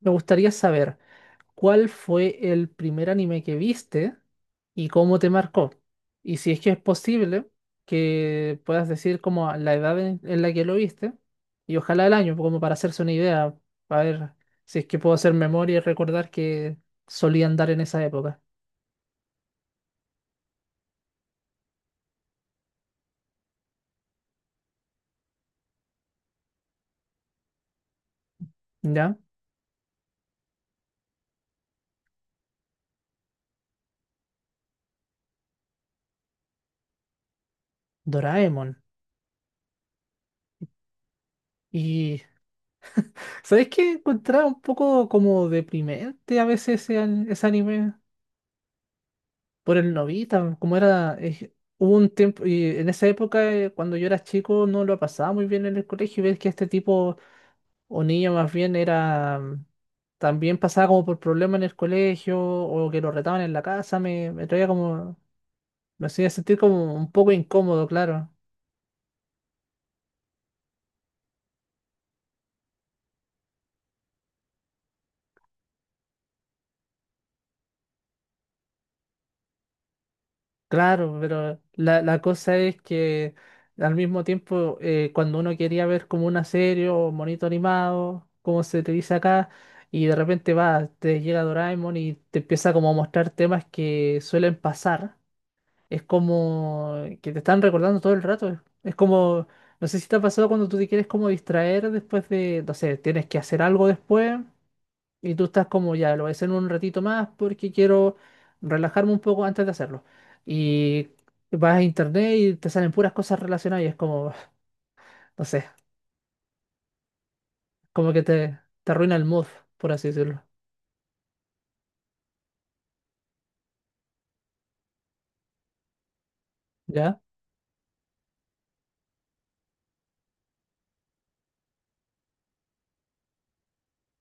Me gustaría saber cuál fue el primer anime que viste y cómo te marcó. Y si es que es posible, que puedas decir como la edad en la que lo viste y ojalá el año, como para hacerse una idea, para ver si es que puedo hacer memoria y recordar que solían dar en esa época. ¿Ya? Doraemon. Y ¿sabes qué? Encontraba un poco como deprimente a veces ese anime. Por el novita, como era, hubo un tiempo, y en esa época, cuando yo era chico, no lo pasaba muy bien en el colegio, y ves que este tipo, o niño más bien, era, también pasaba como por problemas en el colegio, o que lo retaban en la casa, me traía como, me hacía sentir como un poco incómodo, claro. Claro, pero la cosa es que al mismo tiempo, cuando uno quería ver como una serie o monito animado, como se te dice acá, y de repente va, te llega Doraemon y te empieza como a mostrar temas que suelen pasar, es como que te están recordando todo el rato. Es como, no sé si te ha pasado cuando tú te quieres como distraer después de, no sé, tienes que hacer algo después. Y tú estás como ya, lo voy a hacer en un ratito más porque quiero relajarme un poco antes de hacerlo. Y vas a internet y te salen puras cosas relacionadas y es como, no sé, como que te arruina el mood, por así decirlo. ¿Ya?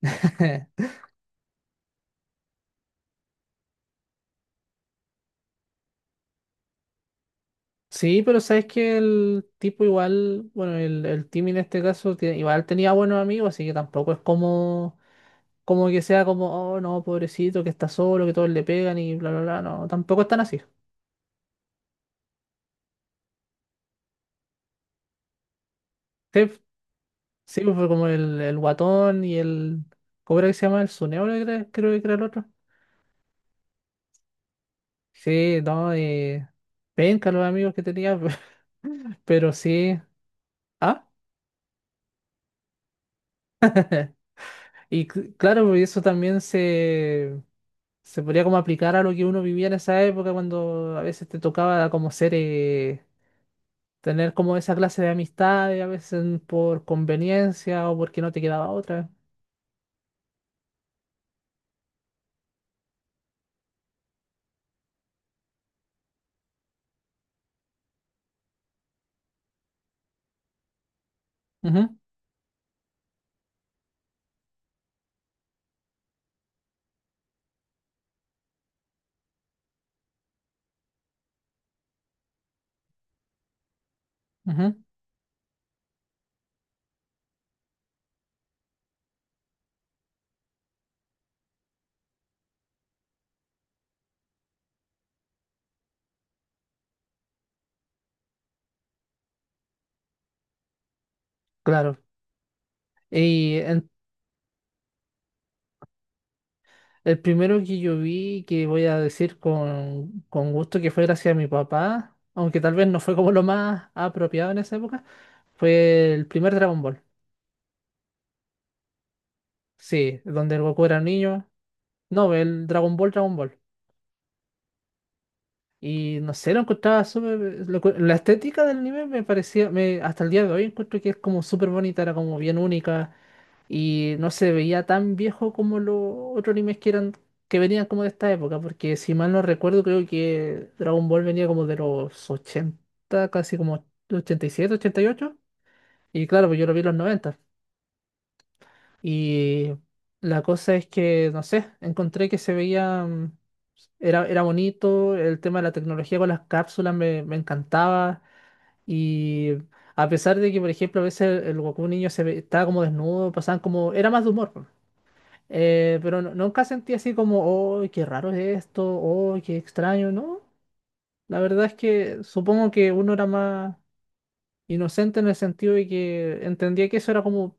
Sí, pero sabes que el tipo igual, bueno, el Timmy en este caso, igual tenía buenos amigos, así que tampoco es como, como que sea como, oh no, pobrecito, que está solo, que todos le pegan y bla, bla, bla. No, tampoco están así. Sí, pues fue como el guatón y el. ¿Cómo era que se llama? El Suneo, creo, creo que era el otro. Sí, no, penca los amigos que tenía, pero sí. Ah, claro, pues eso también se podría como aplicar a lo que uno vivía en esa época, cuando a veces te tocaba como ser, tener como esa clase de amistades, a veces por conveniencia o porque no te quedaba otra. Ujú, ujú, claro. Y en- El primero que yo vi, que voy a decir con gusto que fue gracias a mi papá, aunque tal vez no fue como lo más apropiado en esa época, fue el primer Dragon Ball. Sí, donde el Goku era un niño. No, el Dragon Ball, Dragon Ball. Y no sé, lo encontraba súper. La estética del anime me parecía. Me, hasta el día de hoy encuentro que es como súper bonita, era como bien única. Y no se veía tan viejo como los otros animes que eran. Que venían como de esta época. Porque si mal no recuerdo, creo que Dragon Ball venía como de los ochenta casi como 87 80 y ocho y claro, pues yo lo vi en los noventa. Y la cosa es que, no sé, encontré que se veía. Era, era bonito, el tema de la tecnología con las cápsulas me encantaba. Y a pesar de que, por ejemplo, a veces el Goku niño estaba como desnudo, pasaban como. Era más de humor, po. Nunca sentí así como, ¡oh, qué raro es esto! ¡Oh, qué extraño! No, la verdad es que supongo que uno era más inocente en el sentido de que entendía que eso era como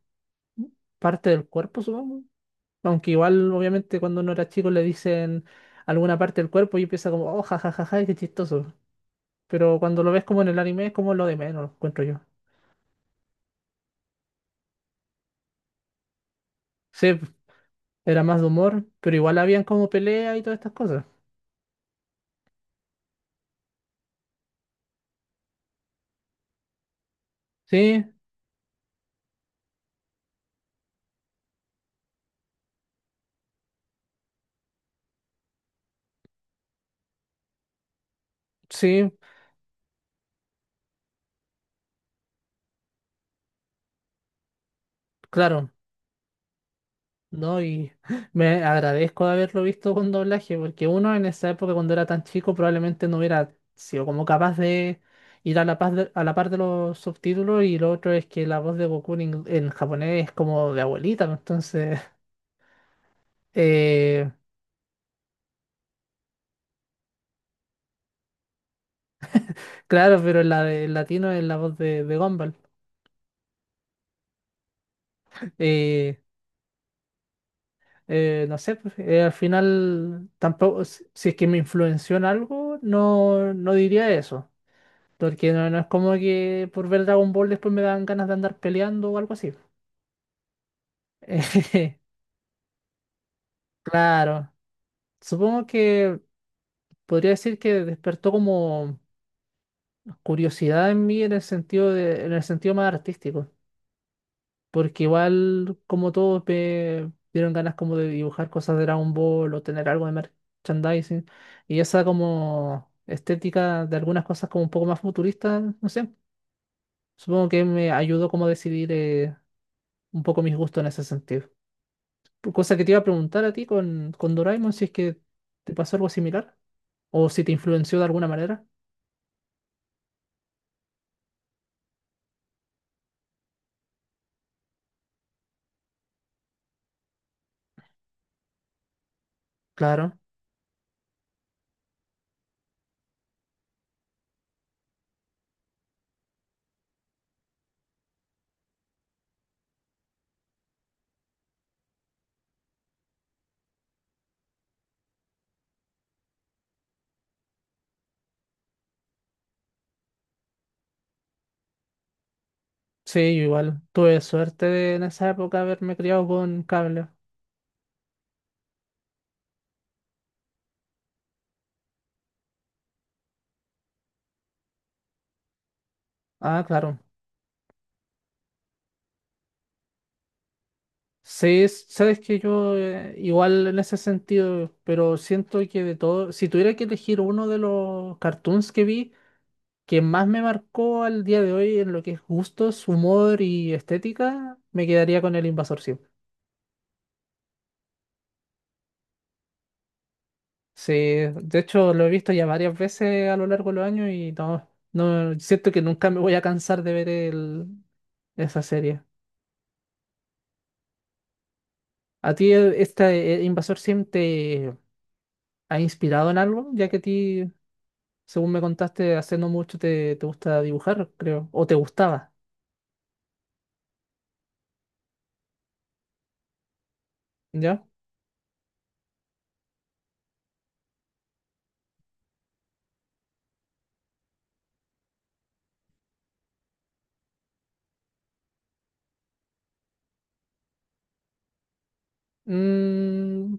parte del cuerpo, supongo. Aunque igual, obviamente, cuando uno era chico le dicen alguna parte del cuerpo y empieza como, ¡oh, jajajaja, qué chistoso! Pero cuando lo ves como en el anime es como lo de menos, encuentro yo. Sí, era más de humor, pero igual habían como peleas y todas estas cosas. Sí, sí, claro, ¿no? Y me agradezco de haberlo visto con doblaje, porque uno en esa época cuando era tan chico probablemente no hubiera sido como capaz de ir a la par de, a la par de los subtítulos y lo otro es que la voz de Goku en japonés es como de abuelita, ¿no? Entonces, eh, claro, pero en la de en latino es la voz de Gumball. Eh, no sé, pues, al final tampoco, si es que me influenció en algo, no, no diría eso. Porque no, no es como que por ver Dragon Ball después me dan ganas de andar peleando o algo así. Claro, supongo que podría decir que despertó como curiosidad en mí en el sentido de, en el sentido más artístico. Porque igual, como todos, me dieron ganas como de dibujar cosas de Dragon Ball o tener algo de merchandising. Y esa como estética de algunas cosas como un poco más futurista, no sé. Supongo que me ayudó como a decidir un poco mis gustos en ese sentido. Cosa que te iba a preguntar a ti con Doraemon, si es que te pasó algo similar o si te influenció de alguna manera. Claro. Sí, yo igual. Tuve suerte de en esa época haberme criado con cable. Ah, claro. Sí, sabes que yo igual en ese sentido, pero siento que de todo, si tuviera que elegir uno de los cartoons que vi, que más me marcó al día de hoy en lo que es gustos, humor y estética, me quedaría con El Invasor siempre. Sí, de hecho lo he visto ya varias veces a lo largo de los años y no, no siento que nunca me voy a cansar de ver el, esa serie. ¿A ti Invasor Sim te ha inspirado en algo? Ya que a ti según me contaste, hace no mucho te gusta dibujar, creo, o te gustaba, ¿ya? Mm,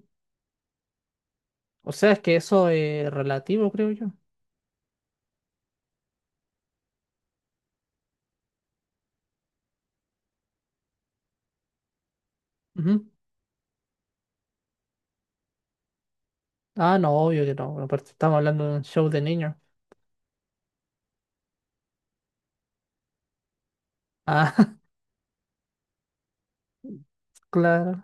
o sea, es que eso es relativo, creo yo. Ujú. Ah, no, obvio que no. Aparte, estamos hablando de un show de niños. Ah, claro,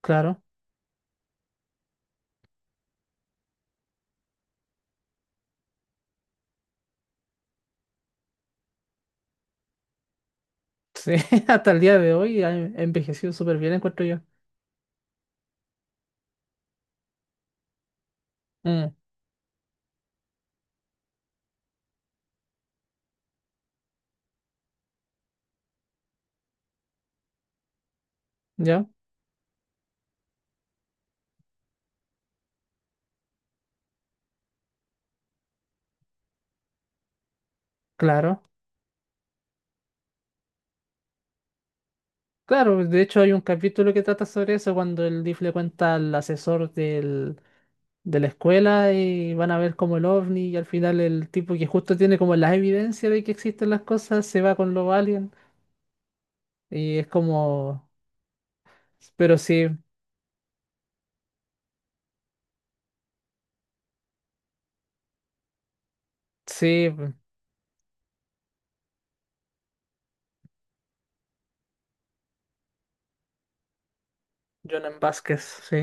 claro. Sí, hasta el día de hoy ha envejecido súper bien, encuentro yo. Mm, ¿ya? Claro. Claro, de hecho hay un capítulo que trata sobre eso cuando el DIF le cuenta al asesor del, de la escuela y van a ver como el ovni y al final el tipo que justo tiene como la evidencia de que existen las cosas se va con los aliens y es como, pero sí, sí, Jonan Vázquez, sí,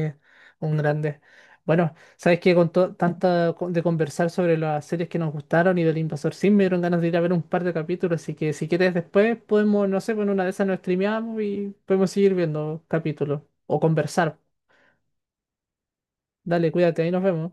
un grande. Bueno, sabes que con tanta de conversar sobre las series que nos gustaron y del Invasor Sim me dieron ganas de ir a ver un par de capítulos, así que si quieres después podemos, no sé, con una de esas nos streameamos y podemos seguir viendo capítulos o conversar. Dale, cuídate, ahí nos vemos.